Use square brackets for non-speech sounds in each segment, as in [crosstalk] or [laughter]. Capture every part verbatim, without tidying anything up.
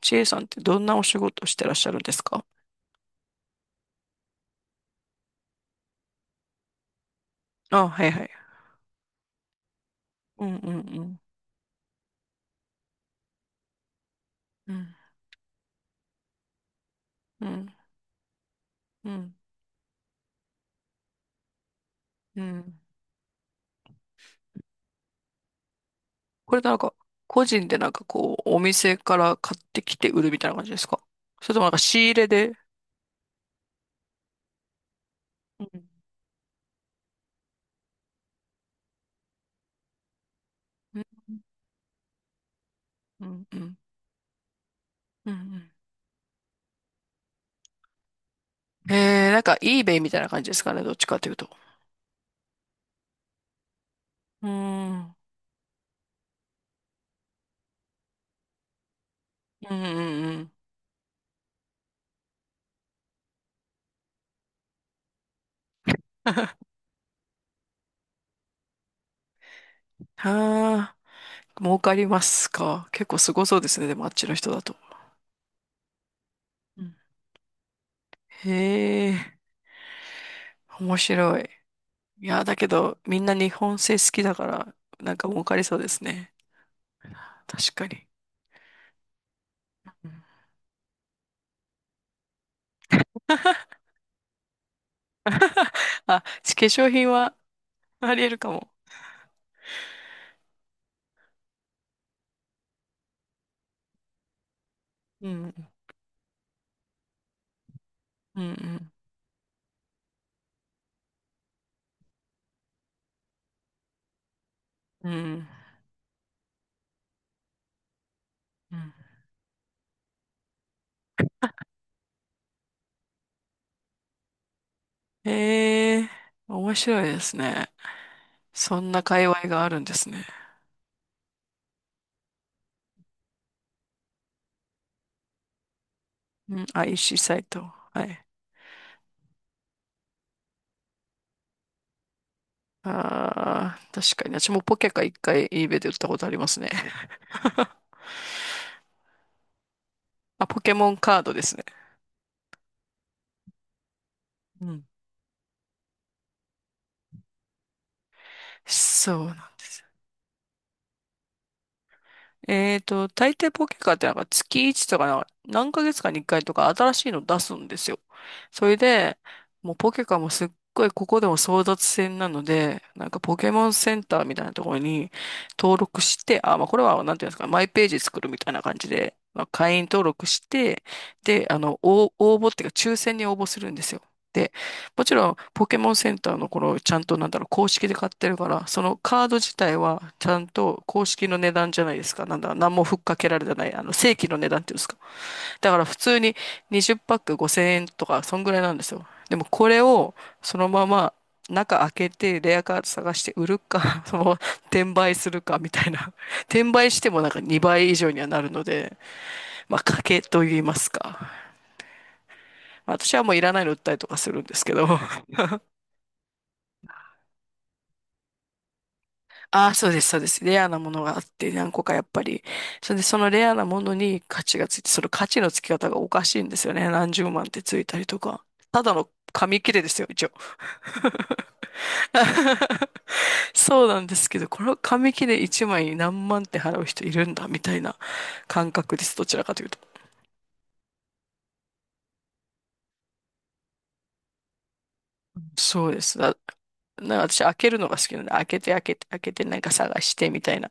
ちえさんってどんなお仕事してらっしゃるんですか？あ、はいはい。うんうんうん。うんうんうん。うん。これなんか、個人でなんかこう、お店から買ってきて売るみたいな感じですか？それともなんか仕入れで。うんうんうん。うんうんうん。えー、なんか eBay みたいな感じですかね、どっちかというと。うん。うんうんうん。[laughs] はあ、儲かりますか。結構すごそうですね、でもあっちの人だと。うん。へえ、面白い。いや、だけど、みんな日本製好きだから、なんか儲かりそうですね。確かに。うん。あ、化粧品はあり得るかも。うん。うんうんうん。うん。へえー、面白いですね。そんな界隈があるんですね。うん、アイシー サイト。はい。ああ、確かに。私もポケカ一回 eBay で売ったことありますね。[laughs] あ、ポケモンカードですね。うん。そうなんです。えーと、大抵ポケカってなんか月いちとかなんか何ヶ月かにいっかいとか新しいの出すんですよ。それで、もうポケカもすっごいここでも争奪戦なので、なんかポケモンセンターみたいなところに登録して、あ、まあこれはなんていうんですか、マイページ作るみたいな感じで、まあ、会員登録して、で、あの、応応募っていうか抽選に応募するんですよ。で、もちろん、ポケモンセンターのこの、ちゃんとなんだろう、公式で買ってるから、そのカード自体は、ちゃんと公式の値段じゃないですか。なんだ、何もふっかけられてない、あの、正規の値段っていうんですか。だから普通ににじゅうパックごせんえんとか、そんぐらいなんですよ。でもこれを、そのまま、中開けて、レアカード探して売るか、[laughs] そのまま、転売するか、みたいな。転売してもなんかにばい以上にはなるので、まあ、賭けと言いますか。まあ私はもういらないの売ったりとかするんですけど。ああ、そうです、そうです。レアなものがあって、何個かやっぱり。それで、そのレアなものに価値がついて、その価値のつき方がおかしいんですよね。何十万ってついたりとか。ただの紙切れですよ、一応。[laughs] そうなんですけど、この紙切れ一枚に何万って払う人いるんだ、みたいな感覚です。どちらかというと。そうです。な、なんか私開けるのが好きなので、開けて開けて開けてなんか探してみたいな。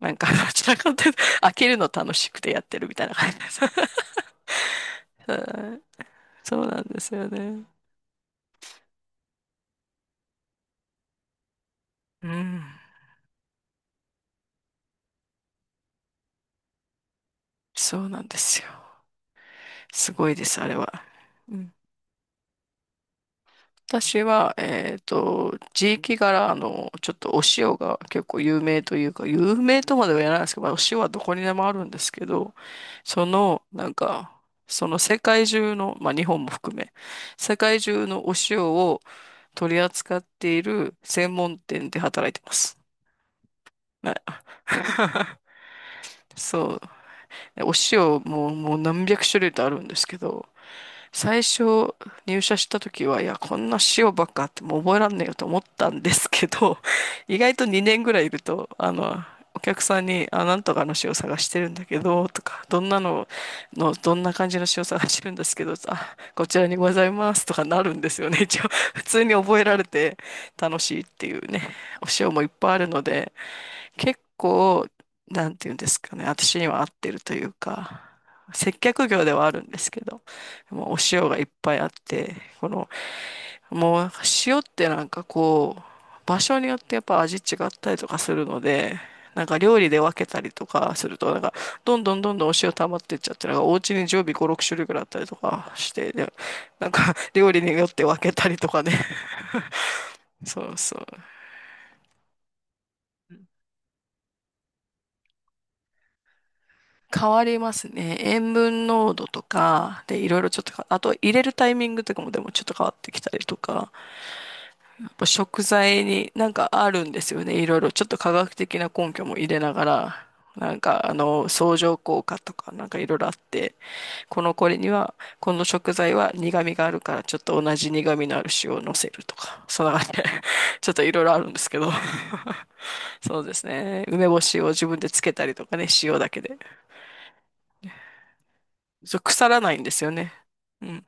なんか、どちらかというと、開けるの楽しくてやってるみたいな感じです。[laughs] そうなんですよね。うん。そうなんですよ。すごいです、あれは。うん。私は、えっと、地域柄、あの、ちょっとお塩が結構有名というか、有名とまでは言わないですけど、まあ、お塩はどこにでもあるんですけど、その、なんか、その世界中の、まあ日本も含め、世界中のお塩を取り扱っている専門店で働いてます。はい。 [laughs] そう。ね。お塩ももう何百種類とあるんですけど、最初入社した時は、いや、こんな塩ばっかあってもう覚えらんねえよと思ったんですけど、[laughs] 意外とにねんぐらいいると、あの、お客さんに、あ、なんとかの塩探してるんだけど、とか、どんなの、の、どんな感じの塩探してるんですけど、あ、こちらにございます、とかなるんですよね。一応、普通に覚えられて楽しいっていうね、お塩もいっぱいあるので、結構、なんていうんですかね、私には合ってるというか、接客業ではあるんですけど、もうお塩がいっぱいあって、この、もう塩ってなんかこう、場所によってやっぱ味違ったりとかするので、なんか料理で分けたりとかすると、なんかどんどんどんどんお塩溜まってっちゃって、なんかお家に常備ご、ろく種類ぐらいあったりとかして、でなんか料理によって分けたりとかね。[laughs] そうそう。変わりますね。塩分濃度とか、で、いろいろちょっとか、あと入れるタイミングとかもでもちょっと変わってきたりとか、やっぱ食材になんかあるんですよね。いろいろちょっと科学的な根拠も入れながら、なんかあの、相乗効果とかなんかいろいろあって、このこれには、この食材は苦味があるからちょっと同じ苦味のある塩を乗せるとか、そんな感じで、[laughs] ちょっといろいろあるんですけど、[laughs] そうですね。梅干しを自分でつけたりとかね、塩だけで。そう、腐らないんですよね。うん。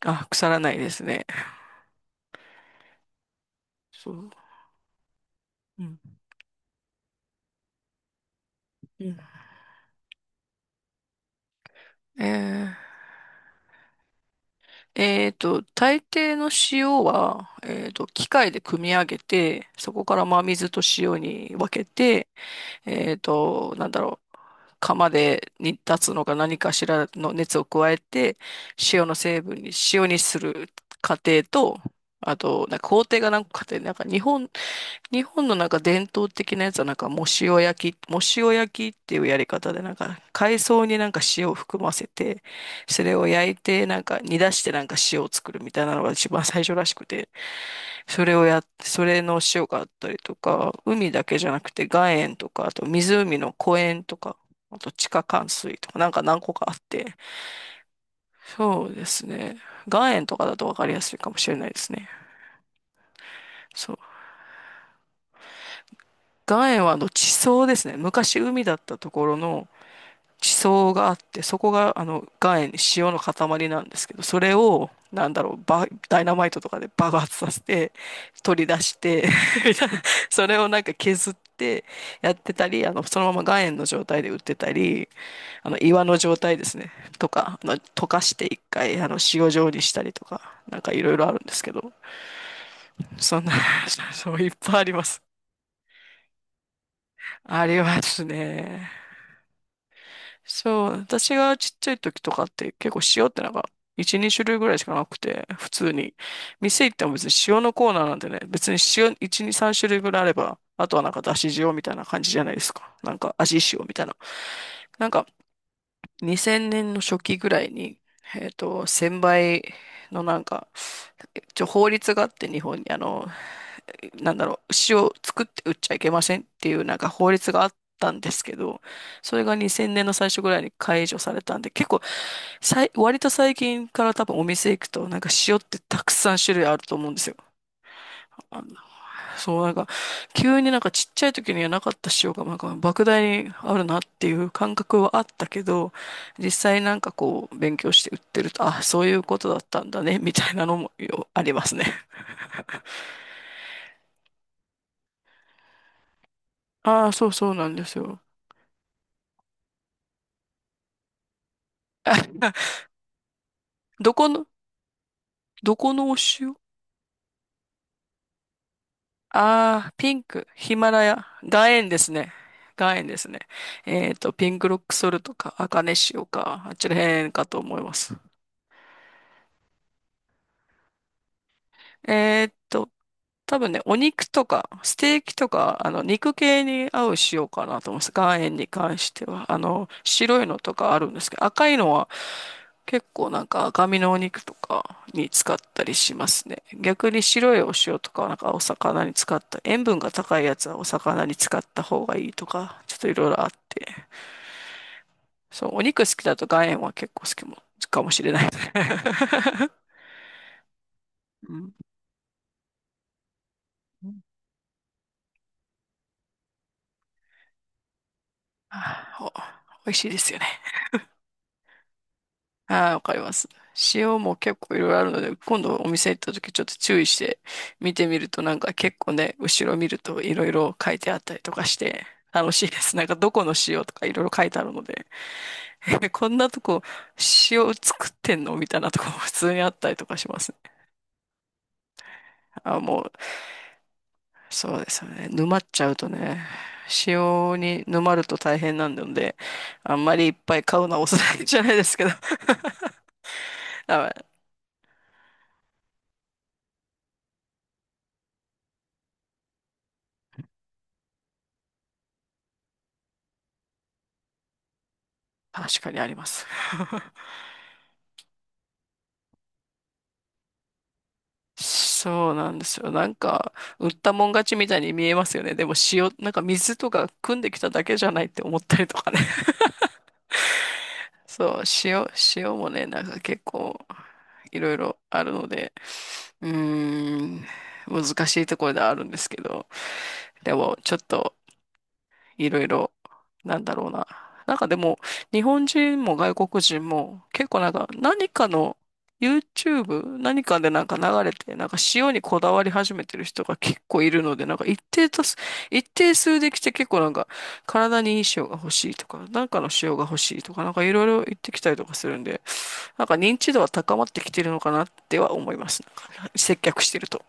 あ、腐らないですね。そう。うん。うん。えー、えーと、大抵の塩は、えーと、機械で組み上げて、そこから真水と塩に分けて、えーと、なんだろう、釜で煮立つのか何かしらの熱を加えて、塩の成分に、塩にする過程と、あと、なんか工程が何個かあって、なんか日本日本のなんか伝統的なやつはなんかもう塩焼き、もう塩焼きっていうやり方でなんか海藻になんか塩を含ませて、それを焼いてなんか煮出してなんか塩を作るみたいなのが一番最初らしくて、それをやって、それの塩があったりとか、海だけじゃなくて岩塩とか、あと湖の湖塩とか、あと地下灌水とかなんか何個かあって、そうですね。岩塩とかだとわかりやすいかもしれないですね。そう。岩塩はあの地層ですね。昔海だったところの地層があって、そこがあの岩塩、塩の塊なんですけど、それを、なんだろう、ばダイナマイトとかで爆発させて、取り出して [laughs] みたいな。 [laughs] それをなんか削ってやってたり、あの、そのまま岩塩の状態で売ってたり、あの、岩の状態ですね、とか、あの、溶かして一回、あの、塩状にしたりとか、なんかいろいろあるんですけど、そんな、[laughs] そういっぱいあります。ありますね。そう、私がちっちゃい時とかって結構塩ってなんかいち、に種類ぐらいしかなくて、普通に。店行っても別に塩のコーナーなんでね、別に塩いち、に、さん種類ぐらいあれば、あとはなんかだし塩みたいな感じじゃないですか。なんか味塩みたいな。なんかにせんねんの初期ぐらいに、えっと、せんばいのなんか、一応法律があって日本にあの、なんだろう、牛を作って売っちゃいけませんっていうなんか法律があったんですけど、それがにせんねんの最初ぐらいに解除されたんで、結構さい、割と最近から多分お店行くとなんか塩ってたくさん種類あると思うんですよ。あのそう、なんか、急になんかちっちゃい時にはなかった塩が、なんか、莫大にあるなっていう感覚はあったけど、実際なんかこう、勉強して売ってると、あ、そういうことだったんだね、みたいなのもよありますね。[laughs] ああ、そうそうなんですよ。[laughs] どこの、どこのお塩？ああー、ピンク、ヒマラヤ、岩塩ですね。岩塩ですね。えっと、ピンクロックソルトか、アカネ塩か、あっちらへんかと思います。えっと、多分ね、お肉とか、ステーキとか、あの、肉系に合う塩かなと思います。岩塩に関しては。あの、白いのとかあるんですけど、赤いのは結構なんか赤身のお肉とかに使ったりしますね。逆に白いお塩とかはなんかお魚に使った、塩分が高いやつはお魚に使った方がいいとか、ちょっといろいろあって。そう、お肉好きだと岩塩は結構好きも、かもしれない。[laughs] うん、お美味しいですよ。ああ、わかります。塩も結構いろいろあるので、今度お店行った時ちょっと注意して見てみるとなんか結構ね、後ろ見るといろいろ書いてあったりとかして楽しいです。なんかどこの塩とかいろいろ書いてあるので、[laughs] え、こんなとこ塩作ってんのみたいなとこも [laughs] 普通にあったりとかしますね。あ、もう、そうですよね。沼っちゃうとね、塩に沼ると大変なんで、あんまりいっぱい買うのはおすすめじゃないですけど、[laughs] あ、確かにあります。そうなんですよ。なんか、売ったもん勝ちみたいに見えますよね。でも塩、なんか水とか汲んできただけじゃないって思ったりとかね。[laughs] そう、塩、塩もね、なんか結構、いろいろあるので、うーん、難しいところではあるんですけど、でも、ちょっと、いろいろ、なんだろうな。なんかでも、日本人も外国人も、結構なんか、何かの YouTube、何かでなんか流れて、なんか塩にこだわり始めてる人が結構いるので、なんか一定と一定数できて結構なんか、体にいい塩が欲しいとか、なんかの塩が欲しいとか、なんかいろいろ言ってきたりとかするんで、なんか認知度は高まってきてるのかなっては思います。なんか接客してると。